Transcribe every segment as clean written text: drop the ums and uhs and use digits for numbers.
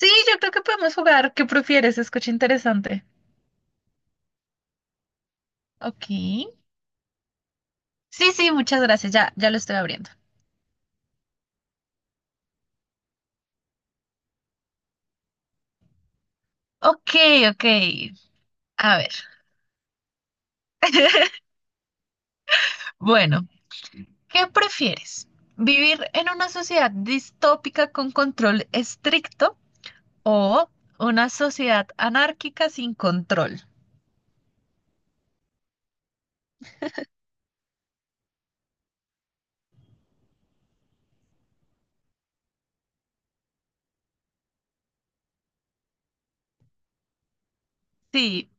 Sí, yo creo que podemos jugar. ¿Qué prefieres? Escucha interesante. Ok. Sí, sí, muchas gracias. Ya, ya lo estoy abriendo. Ok, ok. A ver. Bueno, ¿qué prefieres? ¿Vivir en una sociedad distópica con control estricto o una sociedad anárquica sin control? Sí,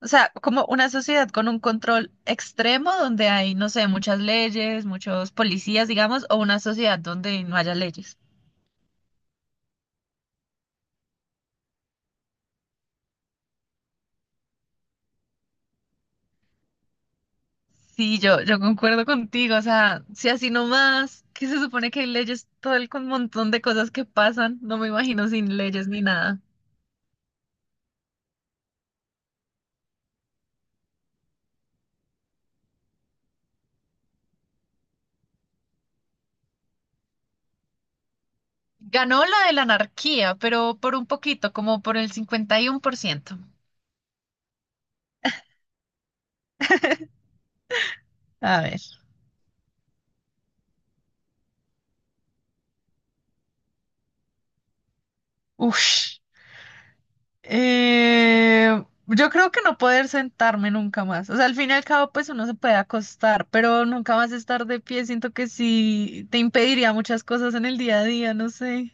o sea, como una sociedad con un control extremo donde hay, no sé, muchas leyes, muchos policías, digamos, o una sociedad donde no haya leyes. Sí, yo concuerdo contigo, o sea, si así nomás, que se supone que hay leyes, todo el con montón de cosas que pasan, no me imagino sin leyes ni nada. Ganó la de la anarquía, pero por un poquito, como por el 51%. A ver. Ush. Yo creo que no poder sentarme nunca más. O sea, al fin y al cabo, pues uno se puede acostar, pero nunca más estar de pie. Siento que sí te impediría muchas cosas en el día a día, no sé.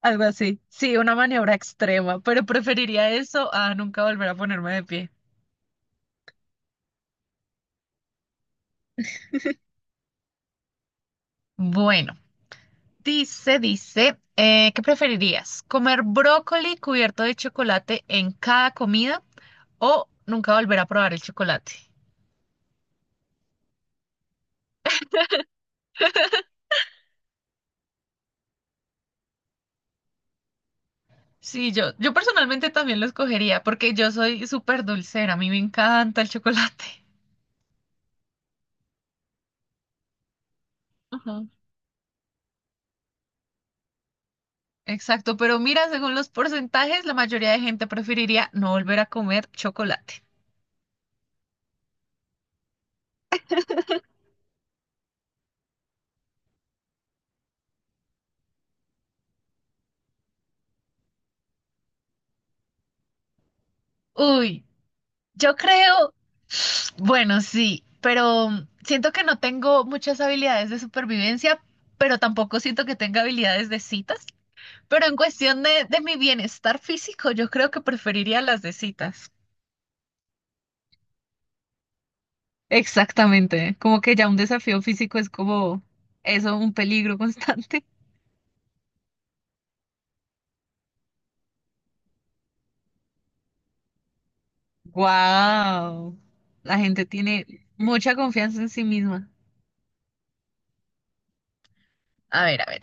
Algo así. Sí, una maniobra extrema, pero preferiría eso a nunca volver a ponerme de pie. Bueno, dice, ¿qué preferirías? ¿Comer brócoli cubierto de chocolate en cada comida o nunca volver a probar el chocolate? Sí, yo personalmente también lo escogería porque yo soy súper dulcera, a mí me encanta el chocolate. Ajá. Exacto, pero mira, según los porcentajes, la mayoría de gente preferiría no volver a comer chocolate. Uy, yo creo, bueno, sí, pero siento que no tengo muchas habilidades de supervivencia, pero tampoco siento que tenga habilidades de citas. Pero en cuestión de mi bienestar físico, yo creo que preferiría las de citas. Exactamente, como que ya un desafío físico es como eso, un peligro constante. Wow, la gente tiene mucha confianza en sí misma. A ver, a ver.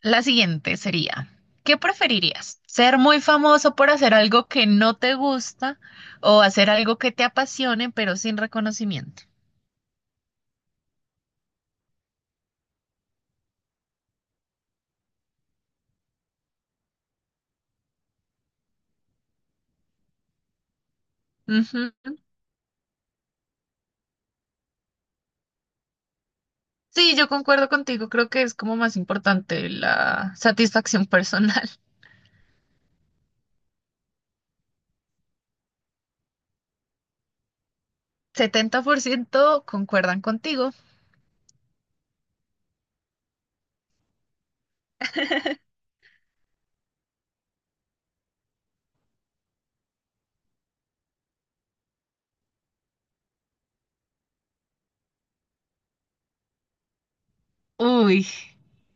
La siguiente sería, ¿qué preferirías? ¿Ser muy famoso por hacer algo que no te gusta o hacer algo que te apasione pero sin reconocimiento? Ujú. Sí, yo concuerdo contigo, creo que es como más importante la satisfacción personal. 70% concuerdan contigo. Uy,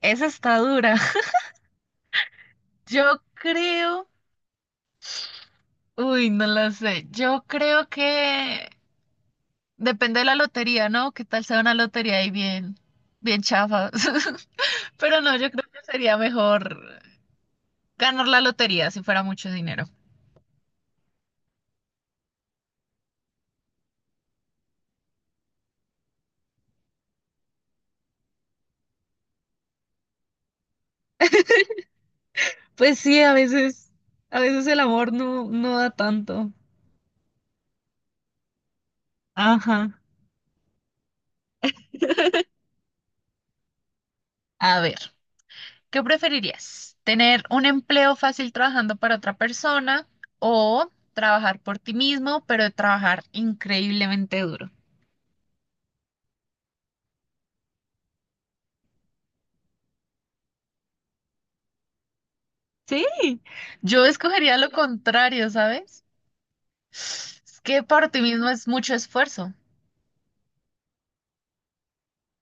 esa está dura. Yo creo, uy, no lo sé, yo creo que depende de la lotería, ¿no? ¿Qué tal sea una lotería ahí bien, bien chafa? Pero no, yo creo que sería mejor ganar la lotería si fuera mucho dinero. Pues sí, a veces el amor no, no da tanto. Ajá. A ver, ¿qué preferirías? ¿Tener un empleo fácil trabajando para otra persona o trabajar por ti mismo, pero trabajar increíblemente duro? Sí, yo escogería lo contrario, ¿sabes? Es que para ti mismo es mucho esfuerzo.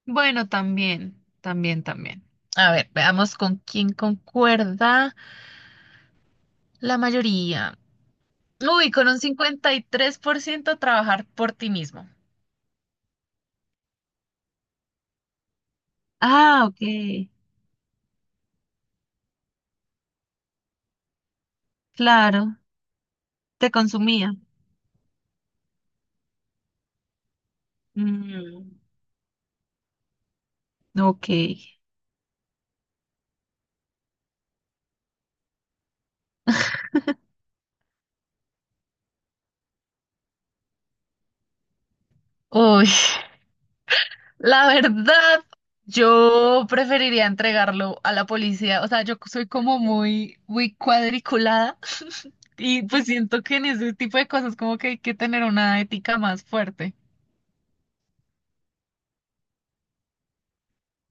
Bueno, también, también, también. A ver, veamos con quién concuerda la mayoría. Uy, con un 53% trabajar por ti mismo. Ah, ok. Claro, te consumía. Mm, ok. Uy, la verdad, yo preferiría entregarlo a la policía. O sea, yo soy como muy, muy cuadriculada y pues siento que en ese tipo de cosas como que hay que tener una ética más fuerte.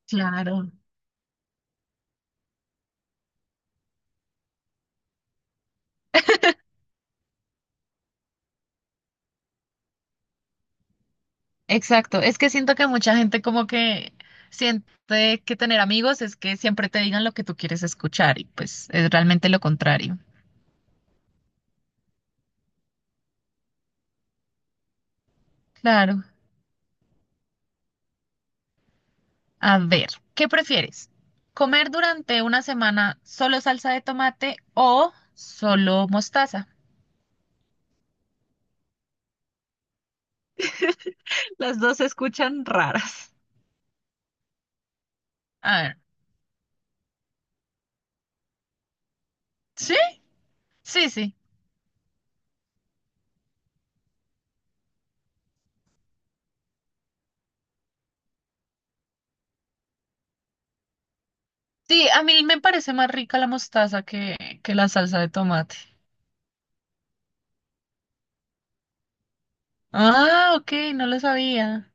Claro, exacto. Es que siento que mucha gente como que siente que tener amigos es que siempre te digan lo que tú quieres escuchar y pues es realmente lo contrario. Claro. A ver, ¿qué prefieres? ¿Comer durante una semana solo salsa de tomate o solo mostaza? Las dos se escuchan raras. A ver, ¿sí? Sí, sí. Sí, a mí me parece más rica la mostaza que la salsa de tomate. Ah, ok, no lo sabía.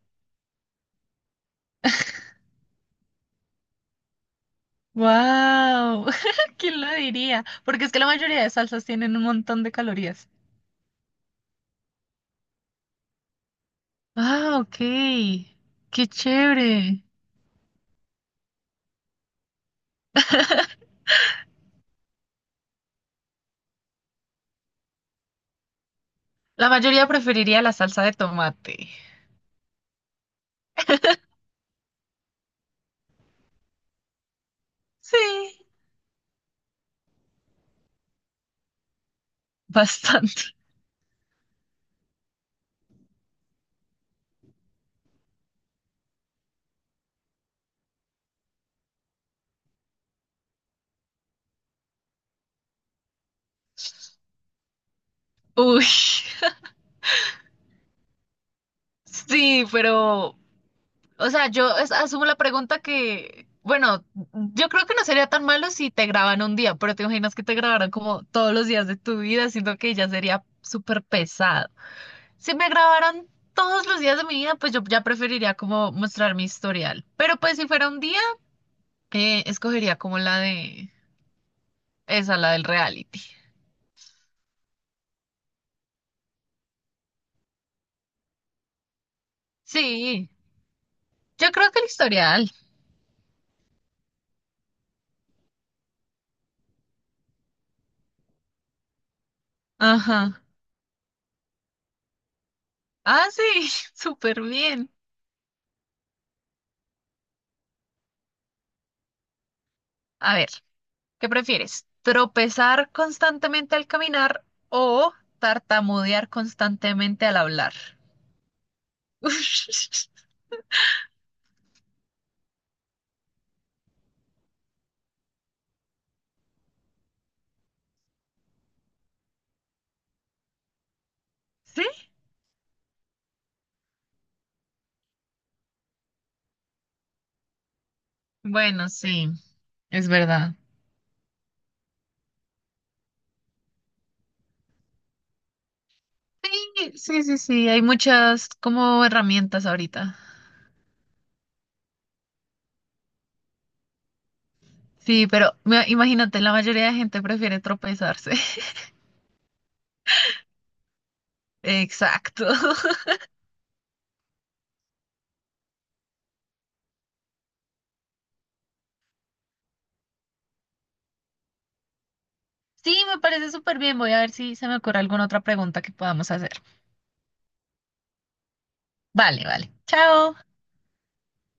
Wow, ¿quién lo diría? Porque es que la mayoría de salsas tienen un montón de calorías. Ah, ok, qué chévere. La mayoría preferiría la salsa de tomate. Sí, bastante. Uy, sí, pero, o sea, yo asumo la pregunta que, bueno, yo creo que no sería tan malo si te graban un día, pero te imaginas que te grabaran como todos los días de tu vida, siento que ya sería súper pesado. Si me grabaran todos los días de mi vida, pues yo ya preferiría como mostrar mi historial. Pero pues si fuera un día, escogería como la de esa, la del reality. Sí, yo creo que el historial. Ajá. Ah, sí, súper bien. A ver, ¿qué prefieres? ¿Tropezar constantemente al caminar o tartamudear constantemente al hablar? ¿Sí? Bueno, sí, es verdad. Sí, sí, sí, sí, hay muchas como herramientas ahorita. Sí, pero imagínate, la mayoría de gente prefiere tropezarse. Exacto. Sí, me parece súper bien. Voy a ver si se me ocurre alguna otra pregunta que podamos hacer. Vale, vale. Chao.